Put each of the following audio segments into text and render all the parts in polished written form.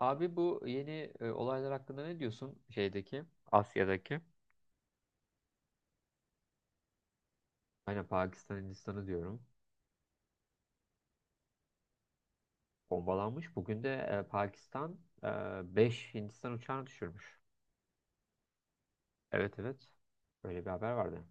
Abi bu yeni olaylar hakkında ne diyorsun şeydeki Asya'daki? Aynen Pakistan Hindistan'ı diyorum. Bombalanmış. Bugün de Pakistan 5 Hindistan uçağını düşürmüş. Evet evet. Böyle bir haber vardı.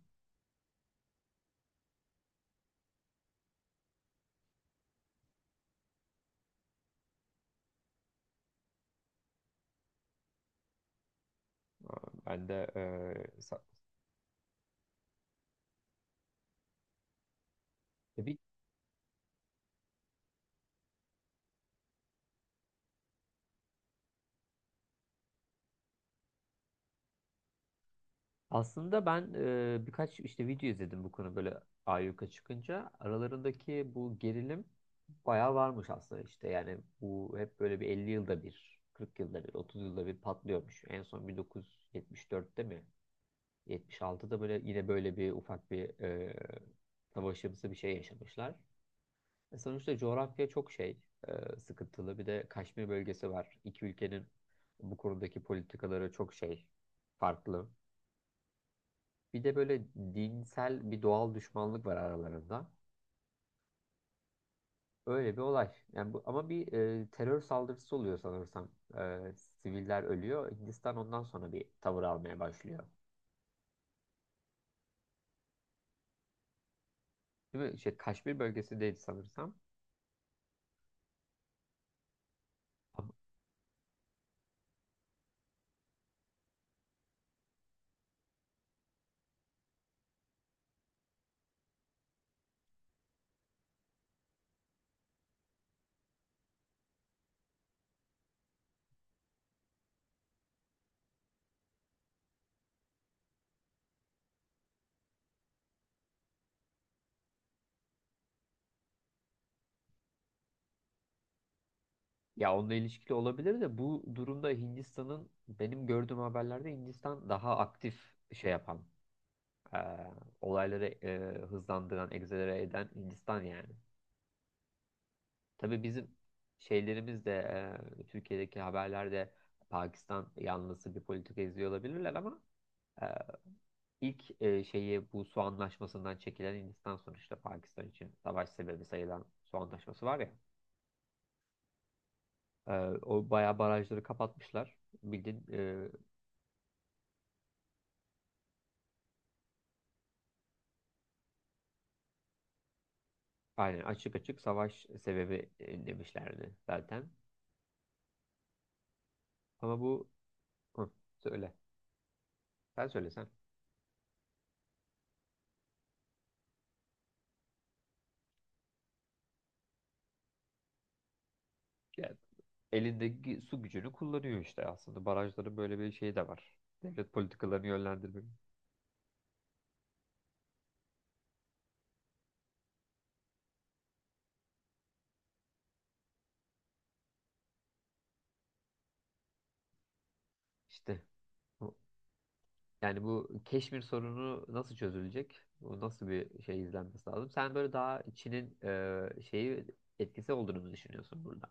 Aa, ben de E, bir Aslında ben birkaç işte video izledim bu konu böyle ayyuka çıkınca. Aralarındaki bu gerilim bayağı varmış aslında işte. Yani bu hep böyle bir 50 yılda bir, 40 yılda bir, 30 yılda bir patlıyormuş. En son 1974'te mi? 76'da böyle yine böyle bir ufak bir savaşımsı bir şey yaşamışlar. E, sonuçta coğrafya çok şey sıkıntılı. Bir de Kaşmir bölgesi var. İki ülkenin bu konudaki politikaları çok şey farklı. Bir de böyle dinsel bir doğal düşmanlık var aralarında. Öyle bir olay. Yani bu, ama bir terör saldırısı oluyor sanırsam. E, siviller ölüyor. Hindistan ondan sonra bir tavır almaya başlıyor. Değil mi? İşte Kaşmir bölgesindeydi sanırsam. Ama- Ya onunla ilişkili olabilir de bu durumda Hindistan'ın benim gördüğüm haberlerde Hindistan daha aktif şey yapan, e, olayları hızlandıran, egzelere eden Hindistan yani. Tabii bizim şeylerimiz de Türkiye'deki haberlerde Pakistan yanlısı bir politika izliyor olabilirler ama e, ilk şeyi bu su anlaşmasından çekilen Hindistan sonuçta Pakistan için savaş sebebi sayılan su anlaşması var ya. e, O bayağı barajları kapatmışlar. Bildiğin aynen açık açık savaş sebebi demişlerdi zaten. Ama bu Hı, söyle. Sen söylesen. Elindeki su gücünü kullanıyor işte aslında. Barajların böyle bir şeyi de var. Devlet politikalarını yönlendirmek. İşte bu- Yani bu Keşmir sorunu nasıl çözülecek? Bu nasıl bir şey izlenmesi lazım? Sen böyle daha Çin'in e, etkisi olduğunu mu düşünüyorsun burada?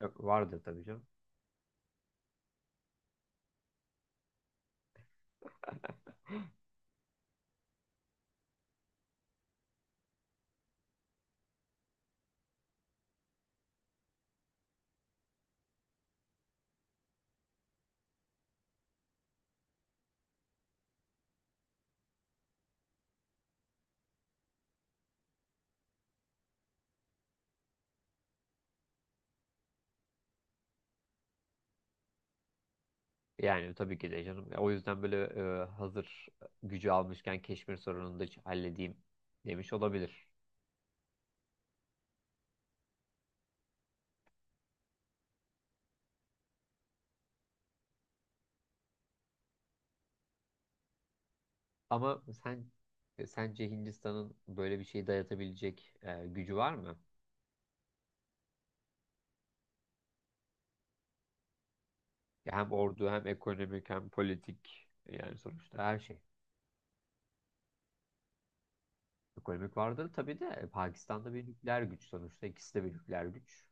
E, vardır tabii canım. Yani tabii ki de canım. O yüzden böyle hazır gücü almışken Keşmir sorununu da halledeyim demiş olabilir. Ama sen sence Hindistan'ın böyle bir şey dayatabilecek gücü var mı? Ya hem ordu hem ekonomik hem politik yani sonuçta her şey. Ekonomik vardır tabii de Pakistan'da bir nükleer güç sonuçta ikisi de bir nükleer güç.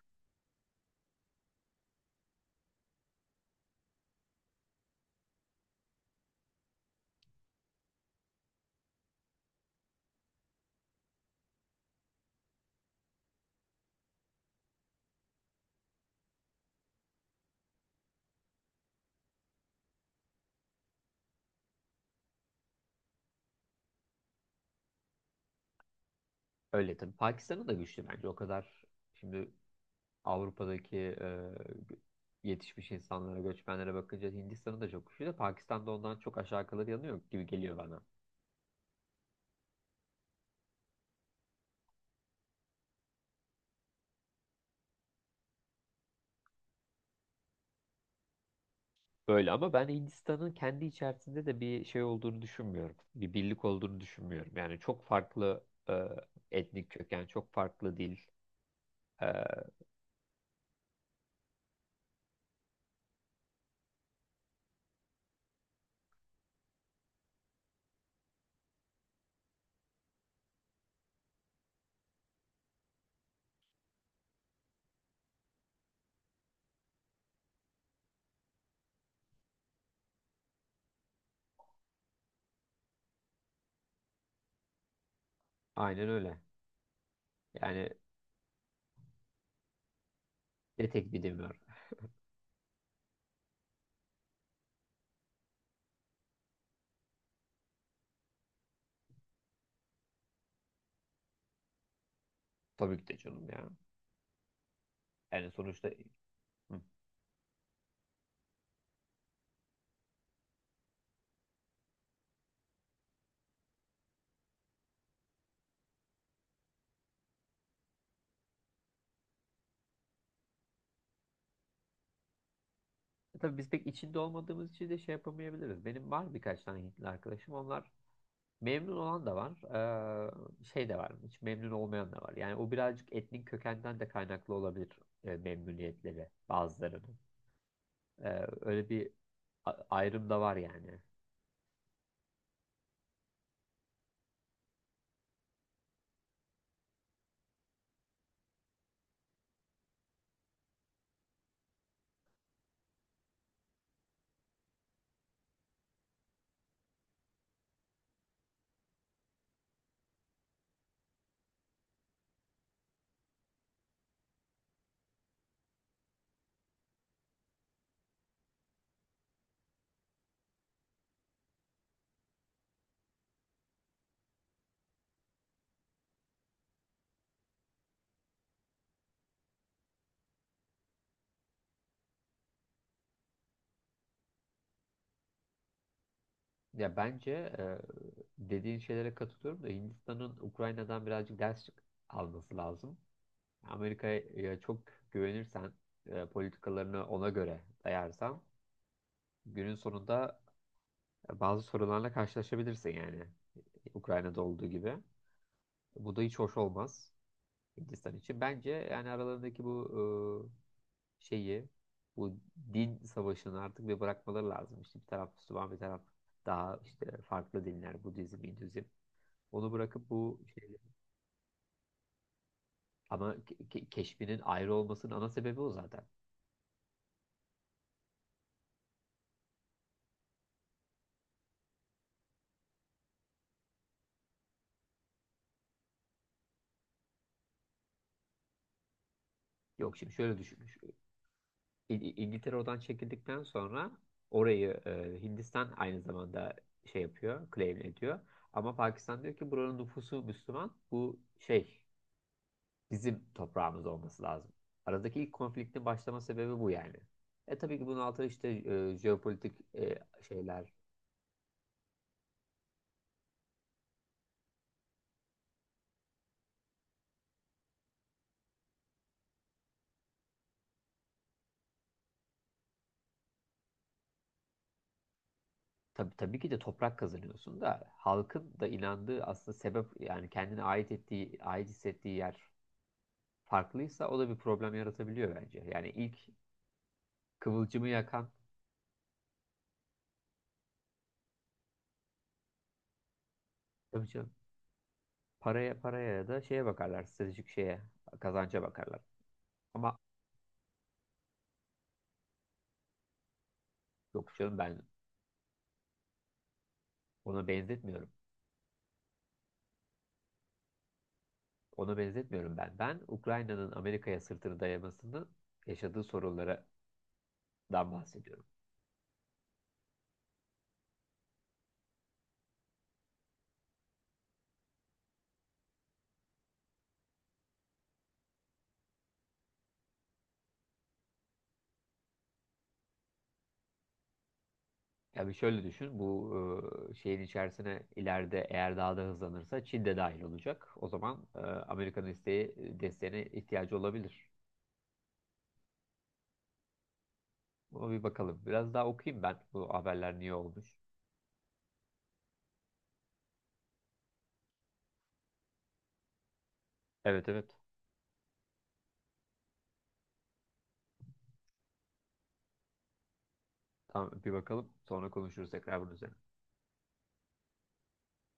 Öyle tabii Pakistan'ın da güçlü bence o kadar şimdi Avrupa'daki yetişmiş insanlara göçmenlere bakınca Hindistan'ın da çok güçlü de Pakistan'da ondan çok aşağı kalır yanı yok gibi geliyor bana. Böyle ama ben Hindistan'ın kendi içerisinde de bir şey olduğunu düşünmüyorum. Bir birlik olduğunu düşünmüyorum. Yani çok farklı etnik köken, çok farklı dil. e, Aynen öyle. Yani ne tekbir demiyor. Tabii ki de canım ya. Yani sonuçta hı. E, tabii biz pek içinde olmadığımız için de şey yapamayabiliriz. Benim var birkaç tane Hintli arkadaşım. Onlar memnun olan da var. Şey de var. Hiç memnun olmayan da var. Yani o birazcık etnik kökenden de kaynaklı olabilir memnuniyetleri bazılarının. Öyle bir ayrım da var yani. Ya bence e, dediğin şeylere katılıyorum da Hindistan'ın Ukrayna'dan birazcık alması lazım. Amerika'ya çok güvenirsen, politikalarını ona göre dayarsan günün sonunda bazı sorunlarla karşılaşabilirsin yani Ukrayna'da olduğu gibi. Bu da hiç hoş olmaz Hindistan için. Bence yani aralarındaki bu e, şeyi, bu din savaşını artık bir bırakmaları lazım. İşte bir taraf Müslüman, bir taraf daha işte farklı dinler, Budizm, Hinduizm. Onu bırakıp bu şey ama keşfinin ayrı olmasının ana sebebi o zaten. Yok şimdi şöyle düşünmüş. İ- İngiltere oradan çekildikten sonra orayı Hindistan aynı zamanda şey yapıyor, claim ediyor. Ama Pakistan diyor ki buranın nüfusu Müslüman. Bu şey bizim toprağımız olması lazım. Aradaki ilk konfliktin başlama sebebi bu yani. E tabii ki bunun altında işte jeopolitik şeyler, tabii, tabii ki de toprak kazanıyorsun da halkın da inandığı aslında sebep yani kendine ait ettiği, ait hissettiği yer farklıysa o da bir problem yaratabiliyor bence. Yani ilk kıvılcımı yakan tabii canım, paraya ya da şeye bakarlar, stratejik şeye, kazanca bakarlar. Ama yok canım ben ona benzetmiyorum. Ona benzetmiyorum ben. Ben Ukrayna'nın Amerika'ya sırtını dayamasının yaşadığı sorunlardan bahsediyorum. Ya bir şöyle düşün. Bu şeyin içerisine ileride eğer daha da hızlanırsa Çin de dahil olacak. O zaman Amerika'nın isteği desteğine ihtiyacı olabilir. Ama bir bakalım. Biraz daha okuyayım ben bu haberler niye olmuş. Evet evet. Tamam bir bakalım. Sonra konuşuruz tekrar bunun üzerine.